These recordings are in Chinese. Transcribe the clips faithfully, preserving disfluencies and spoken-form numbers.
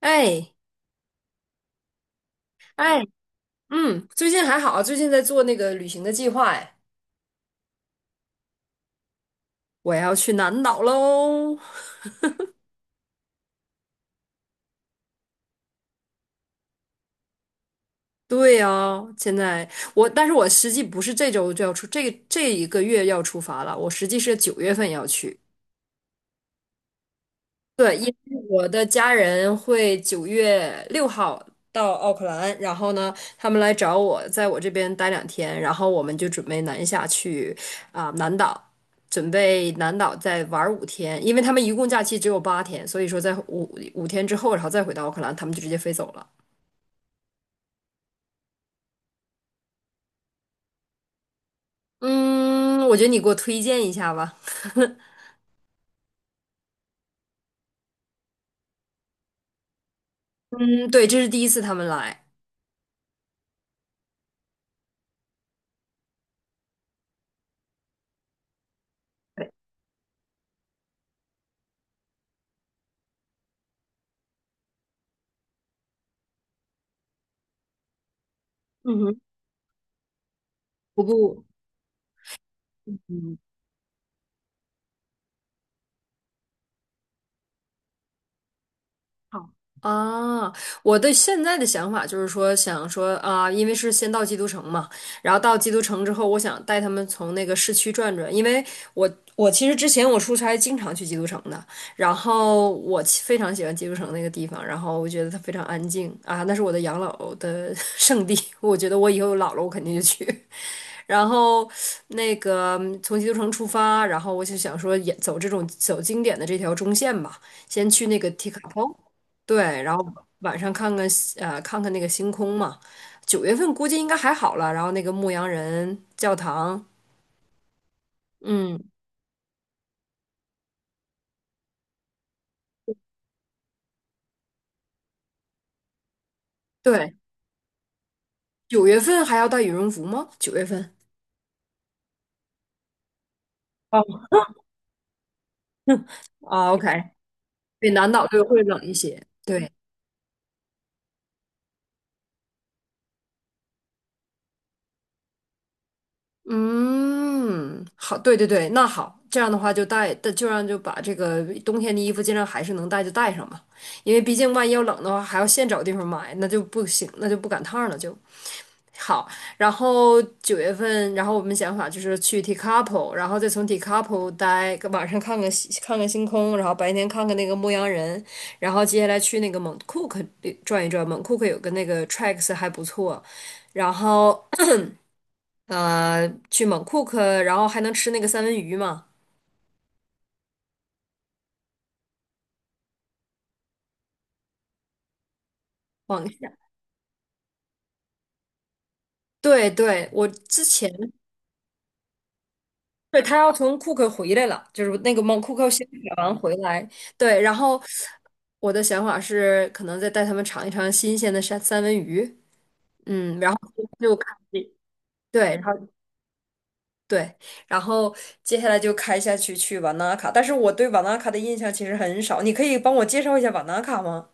哎哎，嗯，最近还好啊，最近在做那个旅行的计划，哎，我要去南岛喽。对呀，现在我，但是我实际不是这周就要出，这这一个月要出发了，我实际是九月份要去。对，因为我的家人会九月六号到奥克兰，然后呢，他们来找我，在我这边待两天，然后我们就准备南下去啊、南岛，准备南岛再玩五天，因为他们一共假期只有八天，所以说在五五天之后，然后再回到奥克兰，他们就直接飞走了。嗯，我觉得你给我推荐一下吧。嗯，对，这是第一次他们来。嗯哼，我不。好啊，我的现在的想法就是说，想说啊，因为是先到基督城嘛，然后到基督城之后，我想带他们从那个市区转转，因为我我其实之前我出差经常去基督城的，然后我其非常喜欢基督城那个地方，然后我觉得它非常安静啊，那是我的养老的 圣地，我觉得我以后老了我肯定就去。然后那个嗯从基督城出发，然后我就想说也走这种走经典的这条中线吧，先去那个提卡坡。对，然后晚上看看西呃看看那个星空嘛。九月份估计应该还好了，然后那个牧羊人教堂，嗯，对，九月份还要带羽绒服吗？九月份哦，啊，OK，对，南岛就会冷一些，对，嗯，好，对对对，那好，这样的话就带，就让就把这个冬天的衣服尽量还是能带就带上嘛，因为毕竟万一要冷的话，还要现找地方买，那就不行，那就不赶趟儿了就。好，然后九月份，然后我们想法就是去 Tekapo，然后再从 Tekapo 待，晚上看看星看看星空，然后白天看看那个牧羊人，然后接下来去那个蒙库克转一转，蒙库克有个那个 tracks 还不错，然后呃去蒙库克，然后还能吃那个三文鱼嘛，往下，对对，我之前。对，他要从库克回来了，就是那个蒙库克先选完回来。对，然后我的想法是，可能再带他们尝一尝新鲜的三三文鱼，嗯，然后就开对，然后对，然后接下来就开下去去瓦纳卡。但是我对瓦纳卡的印象其实很少，你可以帮我介绍一下瓦纳卡吗？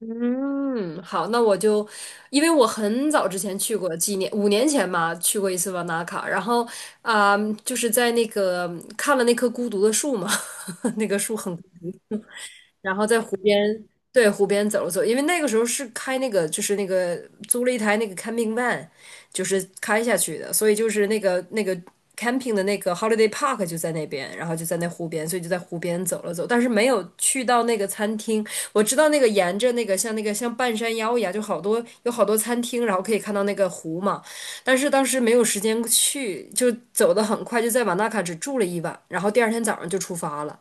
嗯，好，那我就，因为我很早之前去过，几年，五年前吧，去过一次瓦纳卡，然后啊、就是在那个看了那棵孤独的树嘛，那个树很然后在湖边，对，湖边走了走，因为那个时候是开那个，就是那个租了一台那个 camping van，就是开下去的，所以就是那个那个 camping 的那个 holiday park 就在那边，然后就在那湖边，所以就在湖边走了走，但是没有去到那个餐厅。我知道那个沿着那个像那个像半山腰一样，就好多有好多餐厅，然后可以看到那个湖嘛，但是当时没有时间去，就走得很快，就在瓦纳卡只住了一晚，然后第二天早上就出发了。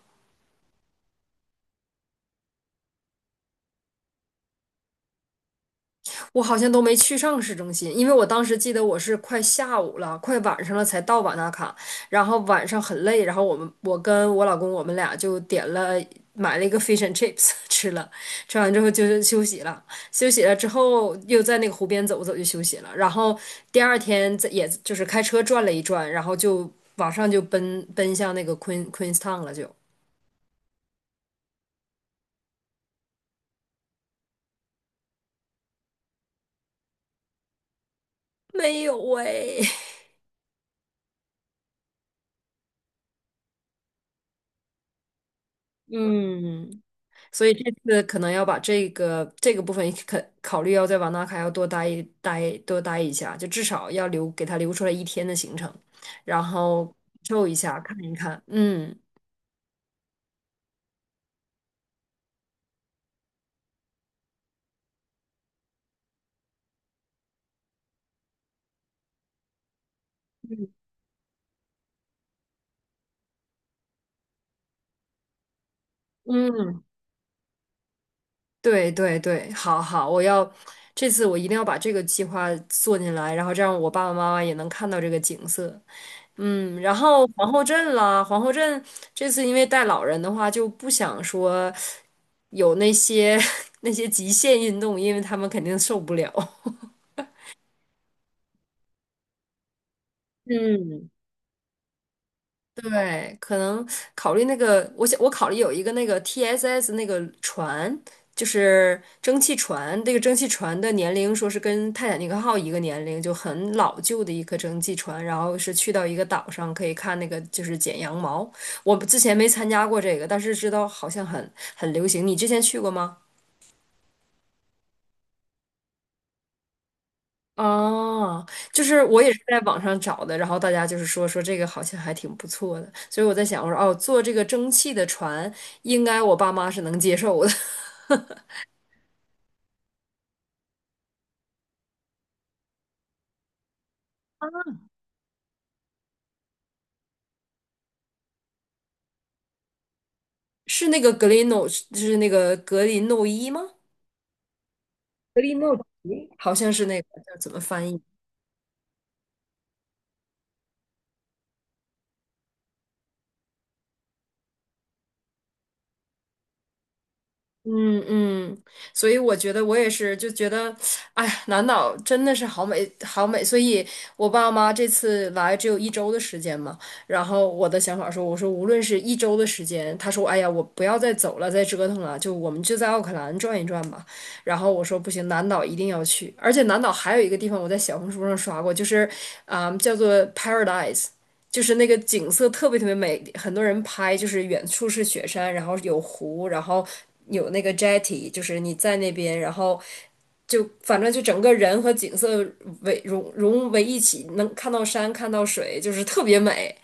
我好像都没去上市中心，因为我当时记得我是快下午了，快晚上了才到瓦纳卡，然后晚上很累，然后我们我跟我老公我们俩就点了买了一个 fish and chips 吃了，吃完之后就是休息了，休息了之后又在那个湖边走走就休息了，然后第二天在也就是开车转了一转，然后就马上就奔奔向那个 Queen Queenstown 了就，没有喂，嗯。所以这次可能要把这个这个部分可考虑要在瓦纳卡要多待一待多待一下，就至少要留给他留出来一天的行程，然后感受一下看一看。嗯嗯，对对对，好好，我要这次我一定要把这个计划做进来，然后这样我爸爸妈妈也能看到这个景色。嗯，然后皇后镇啦，皇后镇这次因为带老人的话，就不想说有那些 那些极限运动，因为他们肯定受不了。嗯，对，可能考虑那个，我想我考虑有一个那个 T S S 那个船，就是蒸汽船，这个蒸汽船的年龄说是跟泰坦尼克号一个年龄，就很老旧的一个蒸汽船，然后是去到一个岛上可以看那个就是剪羊毛。我之前没参加过这个，但是知道好像很很流行。你之前去过吗？哦，就是我也是在网上找的，然后大家就是说说这个好像还挺不错的，所以我在想，我说哦，坐这个蒸汽的船，应该我爸妈是能接受的。是那个格林诺，就是那个格林诺伊吗？格林诺伊好像是那个，叫怎么翻译？嗯嗯，所以我觉得我也是，就觉得，哎呀，南岛真的是好美，好美。所以我爸妈这次来只有一周的时间嘛，然后我的想法说，我说无论是一周的时间，他说，哎呀，我不要再走了，再折腾了，就我们就在奥克兰转一转吧。然后我说不行，南岛一定要去，而且南岛还有一个地方我在小红书上刷过，就是啊、叫做 Paradise。就是那个景色特别特别美，很多人拍，就是远处是雪山，然后有湖，然后有那个 jetty，就是你在那边，然后就反正就整个人和景色为融融为一起，能看到山，看到水，就是特别美。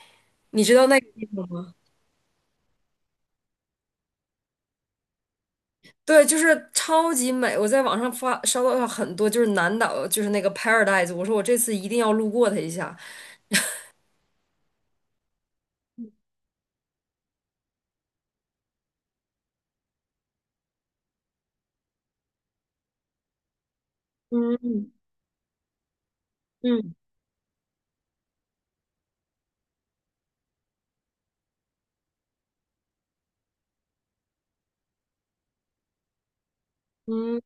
你知道那个对，就是超级美。我在网上发刷到很多，就是南岛，就是那个 Paradise，我说我这次一定要路过它一下。嗯嗯嗯。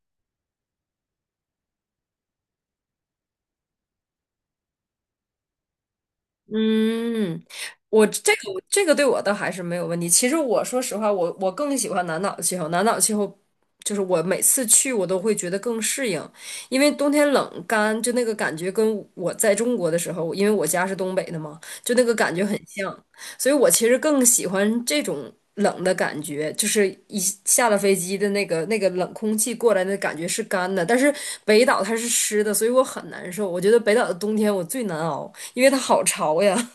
嗯，我这个我这个对我倒还是没有问题。其实我说实话，我我更喜欢南岛的气候。南岛气候就是我每次去我都会觉得更适应，因为冬天冷干，就那个感觉跟我在中国的时候，因为我家是东北的嘛，就那个感觉很像。所以我其实更喜欢这种冷的感觉，就是一下了飞机的那个那个冷空气过来的感觉是干的，但是北岛它是湿的，所以我很难受。我觉得北岛的冬天我最难熬，因为它好潮呀。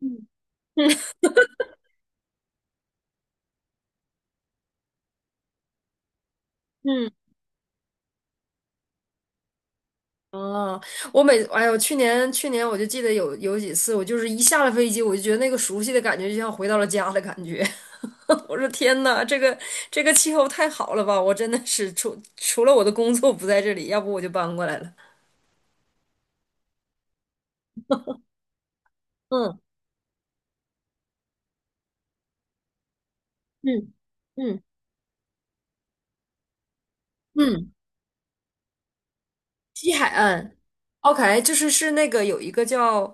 嗯嗯，啊，我每哎呦，去年去年我就记得有有几次，我就是一下了飞机，我就觉得那个熟悉的感觉就像回到了家的感觉。我说天呐，这个这个气候太好了吧！我真的是除除了我的工作不在这里，要不我就搬过来了。嗯。嗯嗯嗯，西海岸，OK，就是是那个有一个叫，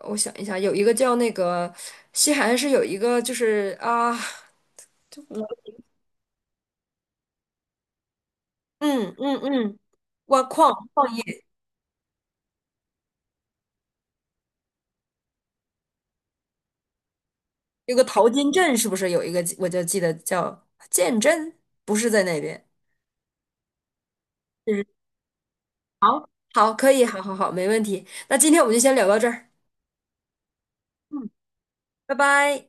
我想一下，有一个叫那个西海岸是有一个就是啊，就我嗯嗯嗯，挖矿矿业有个淘金镇是不是有一个我就记得叫建镇，不是在那边，嗯，好，好，可以，好好好，没问题，那今天我们就先聊到这儿，拜拜。